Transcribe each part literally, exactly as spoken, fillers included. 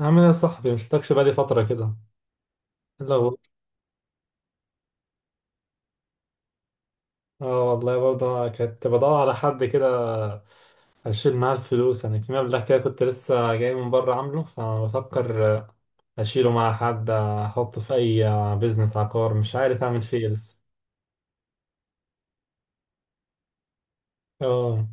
عامل ايه يا صاحبي؟ مشفتكش بقالي فترة كده. الا هو، اه والله برضه كنت بدور على حد كده اشيل معاه الفلوس، يعني في مبلغ كده كنت لسه جاي من بره عامله، فبفكر آه، اشيله مع حد، آه، احطه في اي بيزنس عقار، مش عارف اعمل فيه إيه لسه. اه.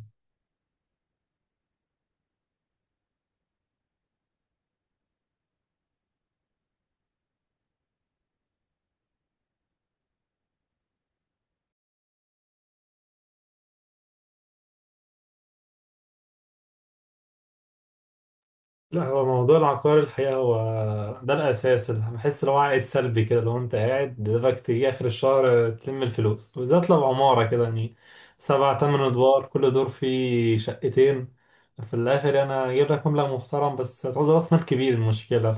لا، هو موضوع العقار الحقيقة هو ده الأساس اللي بحس لو عائد سلبي كده، لو أنت قاعد دماغك تيجي آخر الشهر تلم الفلوس، وبالذات لو عمارة كده يعني سبع تمن أدوار كل دور فيه شقتين. في الآخر أنا جايب لك مبلغ محترم بس هتعوز رأس مال كبير، المشكلة.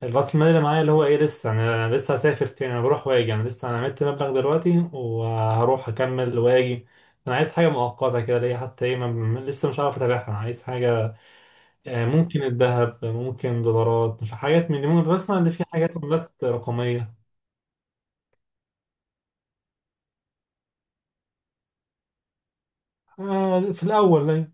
فالرأس المال اللي معايا اللي هو إيه لسه أنا أنا لسه هسافر تاني، أنا بروح وآجي، أنا لسه أنا عملت مبلغ دلوقتي وهروح أكمل وآجي. أنا عايز حاجة مؤقتة كده ليا حتى إيه ما- لسه مش عارف أتابعها، أنا عايز حاجة. يعني ممكن الذهب، ممكن دولارات، مش حاجات من دي، ممكن بسمع ان في حاجات عملات رقمية. آه في الأول يعني.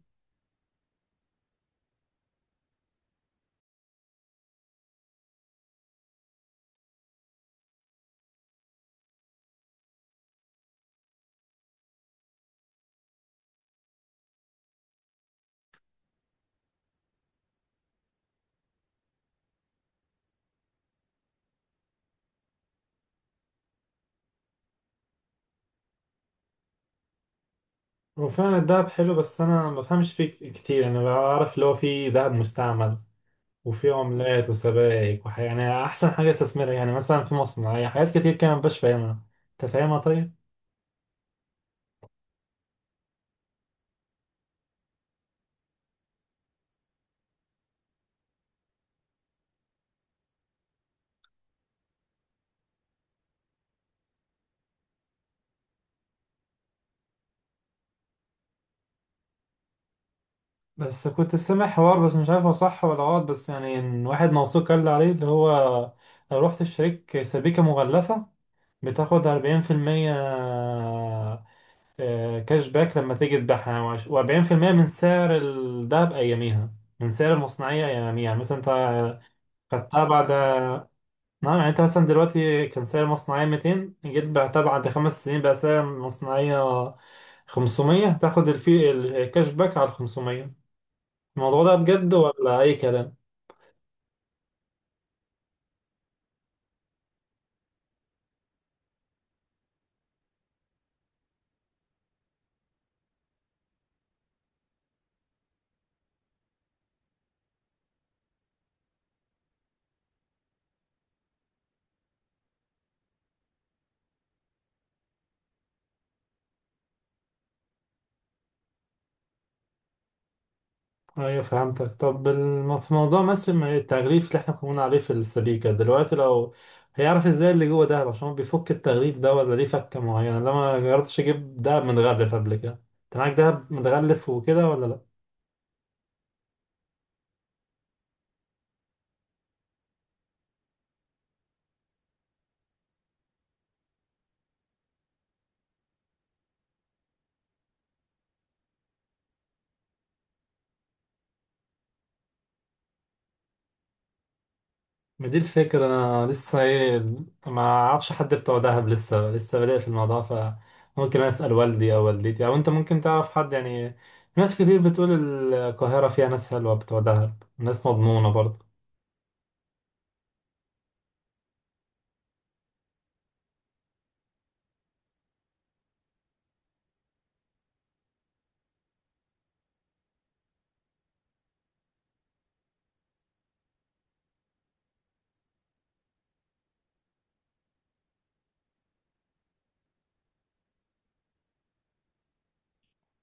وفعلا الذهب حلو بس أنا ما بفهمش فيه كتير، يعني أنا بعرف اللي هو في ذهب مستعمل وفي عملات وسبائك وحاجة، يعني أحسن حاجة استثمرها يعني مثلا في مصنع، يعني حاجات كتير كده مبقاش فاهمها. أنت فاهمها طيب؟ بس كنت سامع حوار بس مش عارف هو صح ولا غلط، بس يعني إن واحد موثوق قال لي عليه اللي هو لو رحت اشتريت سبيكة مغلفة بتاخد أربعين في المية آه، كاش باك لما تيجي تبيعها، و40% من سعر الدهب أياميها من سعر المصنعية أياميها، يعني مثلا أنت خدتها بعد. نعم، يعني أنت مثلا دلوقتي كان سعر المصنعية ميتين، جيت بعتها بعد خمس سنين بقى سعر المصنعية خمسمية، تاخد الفي الكاش باك على خمسمية. الموضوع ده بجد ولا أي كلام؟ ايوه فهمتك. طب الم- في موضوع مثل ما التغليف اللي احنا كنا بنقول عليه في السبيكة دلوقتي، لو هيعرف ازاي اللي جوه دهب عشان هو بيفك التغليف ده، ولا ليه فكة معينة؟ انا ما جربتش اجيب دهب متغلف قبل كده. انت معاك دهب متغلف وكده ولا لا؟ ما دي الفكرة، انا لسه ايه ما اعرفش حد بتوع دهب، لسه لسه بادئ في الموضوع، فممكن اسأل والدي او والدتي، او انت ممكن تعرف حد يعني. ناس كتير بتقول القاهرة فيها ناس حلوة بتوع دهب، ناس مضمونة برضه.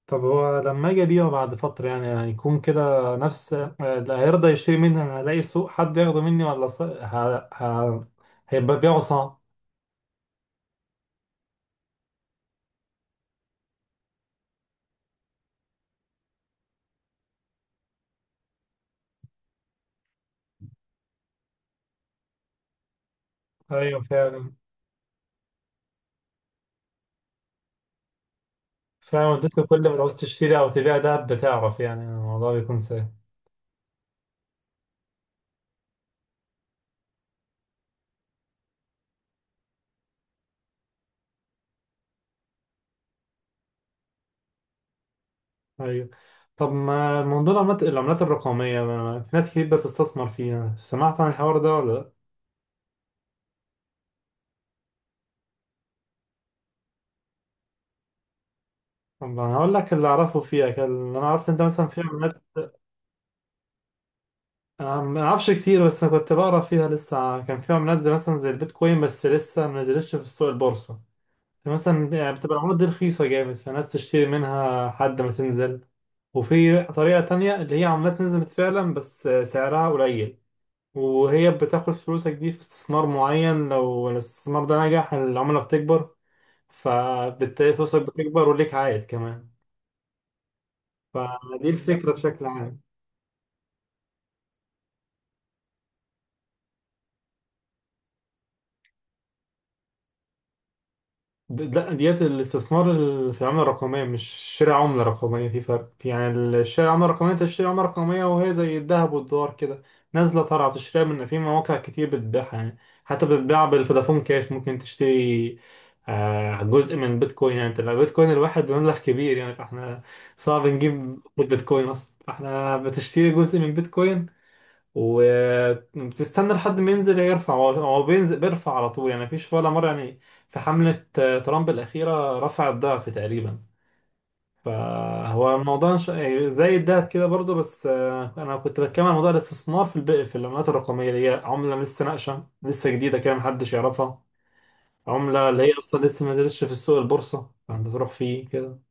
طب هو لما اجي ابيعه بعد فترة يعني هيكون كده نفس اللي هيرضى يشتري مني؟ انا هلاقي سوق، حد ياخده مني، ولا ص... ه... ه... هيبقى بيعه صعب؟ ايوه فعلا. فعلا اديته، كل ما عاوز تشتري او تبيع ده بتعرف، يعني الموضوع بيكون سهل. ايوه. طب ما موضوع العملات، العملات الرقمية ما- في ناس كتير بتستثمر فيها، سمعت عن الحوار ده ولا لا؟ طب انا هقول لك اللي اعرفه فيها، كان اللي انا عرفت انت مثلا في عملات. أنا ما اعرفش كتير، بس انا كنت بقرا فيها لسه، كان فيها منزل مثلا زي البيتكوين بس لسه ما نزلتش في السوق البورصه. مثلا يعني بتبقى العملات دي رخيصه جامد، فالناس تشتري منها لحد ما تنزل. وفي طريقه تانية اللي هي عملات نزلت فعلا بس سعرها قليل، وهي بتاخد فلوسك دي في استثمار معين، لو الاستثمار ده نجح العمله بتكبر، فبالتالي فلوسك بتكبر وليك عائد كمان. فدي الفكره بشكل عام. د- لا، ديت الاستثمار ال- في العملة الرقمية مش شراء عملة رقمية، في فرق، في يعني ال- شراء عملة رقمية انت تشتري عملة رقمية، وهي زي الذهب والدولار كده نازلة طالعة، بتشتريها من في مواقع كتير بتبيعها يعني. حتى بتباع بالفودافون كاش، ممكن تشتري آه، جزء من بيتكوين. يعني انت لو بيتكوين الواحد مبلغ كبير يعني فاحنا صعب نجيب بيتكوين اصلا، فاحنا بتشتري جزء من بيتكوين. وبتستنى لحد ما ينزل يرفع، هو هو بينزل بيرفع على طول، يعني مفيش ولا مرة يعني. في حملة آه، ترامب الأخيرة رفع الضعف تقريبا. فهو الموضوع ش- يعني زي الدهب كده برضو بس. آه، أنا كنت بتكلم عن موضوع الاستثمار في الب... في العملات الرقمية اللي هي عملة لسه ناقشة لسه جديدة كده محدش يعرفها. عملة اللي هي أصلا لسه ما نزلتش في السوق البورصة، فأنت تروح فيه كده.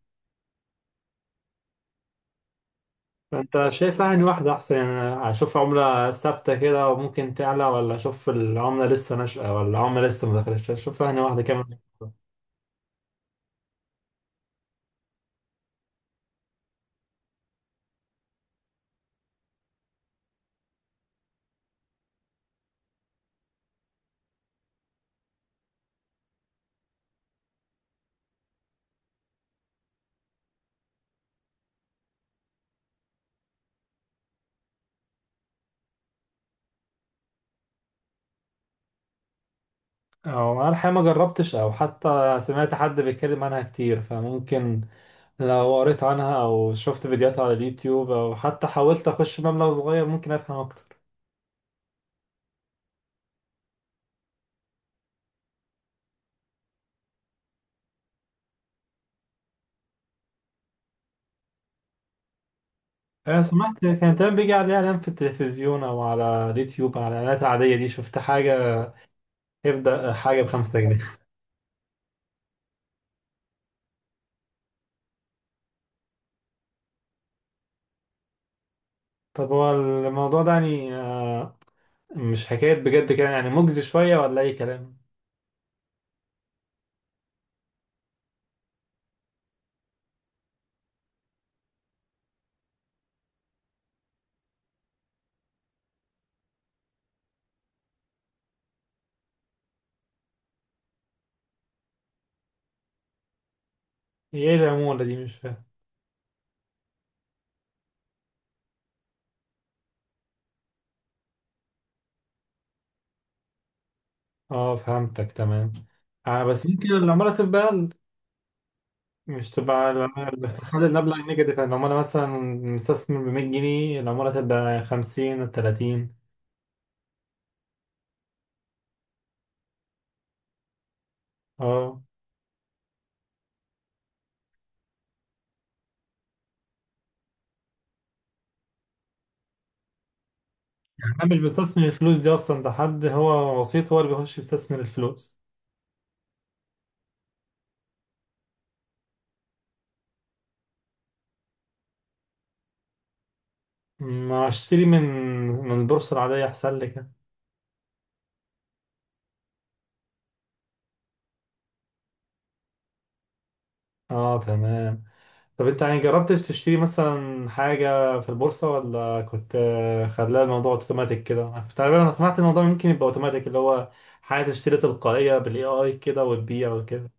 انت شايف يعني واحدة احسن؟ يعني اشوف عملة ثابتة كده وممكن تعلى، ولا اشوف العملة لسه ناشئة، ولا عملة لسه ما دخلتش اشوف يعني واحدة كمان؟ او انا الحقيقة ما جربتش او حتى سمعت حد بيتكلم عنها كتير، فممكن لو قريت عنها او شفت فيديوهات على اليوتيوب، او حتى حاولت اخش مبلغ صغير ممكن افهم اكتر. انا سمعت كان دايما بيجي عليها اعلان في التلفزيون او على اليوتيوب على الاعلانات العادية دي، شفت حاجة يبدأ حاجة بخمسة جنيه. طب هو الموضوع ده يعني مش حكاية بجد كده؟ يعني مجزي شوية ولا أي كلام؟ هي إيه العمولة دي؟ مش فاهم. آه فهمتك تمام. آه بس يمكن العمولة تبقى أقل. مش تبقى العمولة اللي بتخلي المبلغ نيجاتيف؟ يعني لو أنا مثلا مستثمر بمية جنيه، العمولة تبقى خمسين تلاتين. آه. يعني أنا مش بستثمر الفلوس دي أصلا، ده حد هو وسيط هو اللي بيخش يستثمر الفلوس. ما أشتري من من البورصة العادية أحسن لك. آه تمام. طب انت يعني جربتش تشتري مثلا حاجة في البورصة، ولا كنت آه، خلاها الموضوع اوتوماتيك كده تقريبا؟ انا سمعت الموضوع ممكن يبقى اوتوماتيك، اللي هو حاجة تشتري تلقائية بالاي اي كده وتبيع وكده.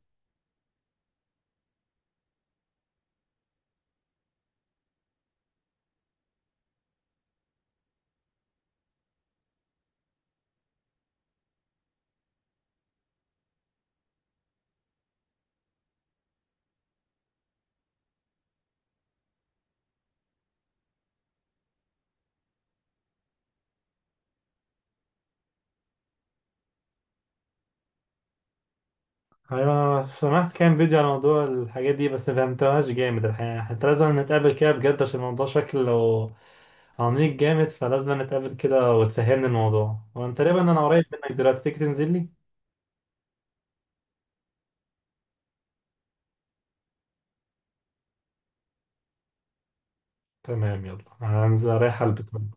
ايوه انا سمعت كام فيديو على موضوع الحاجات دي بس ما فهمتهاش جامد الحقيقة، حتى لازم نتقابل كده بجد عشان الموضوع شكله عميق جامد، فلازم نتقابل كده وتفهمني الموضوع، وانا تقريبا انا قريب منك دلوقتي، تيجي تنزل لي. تمام، يلا هنزل رايح البس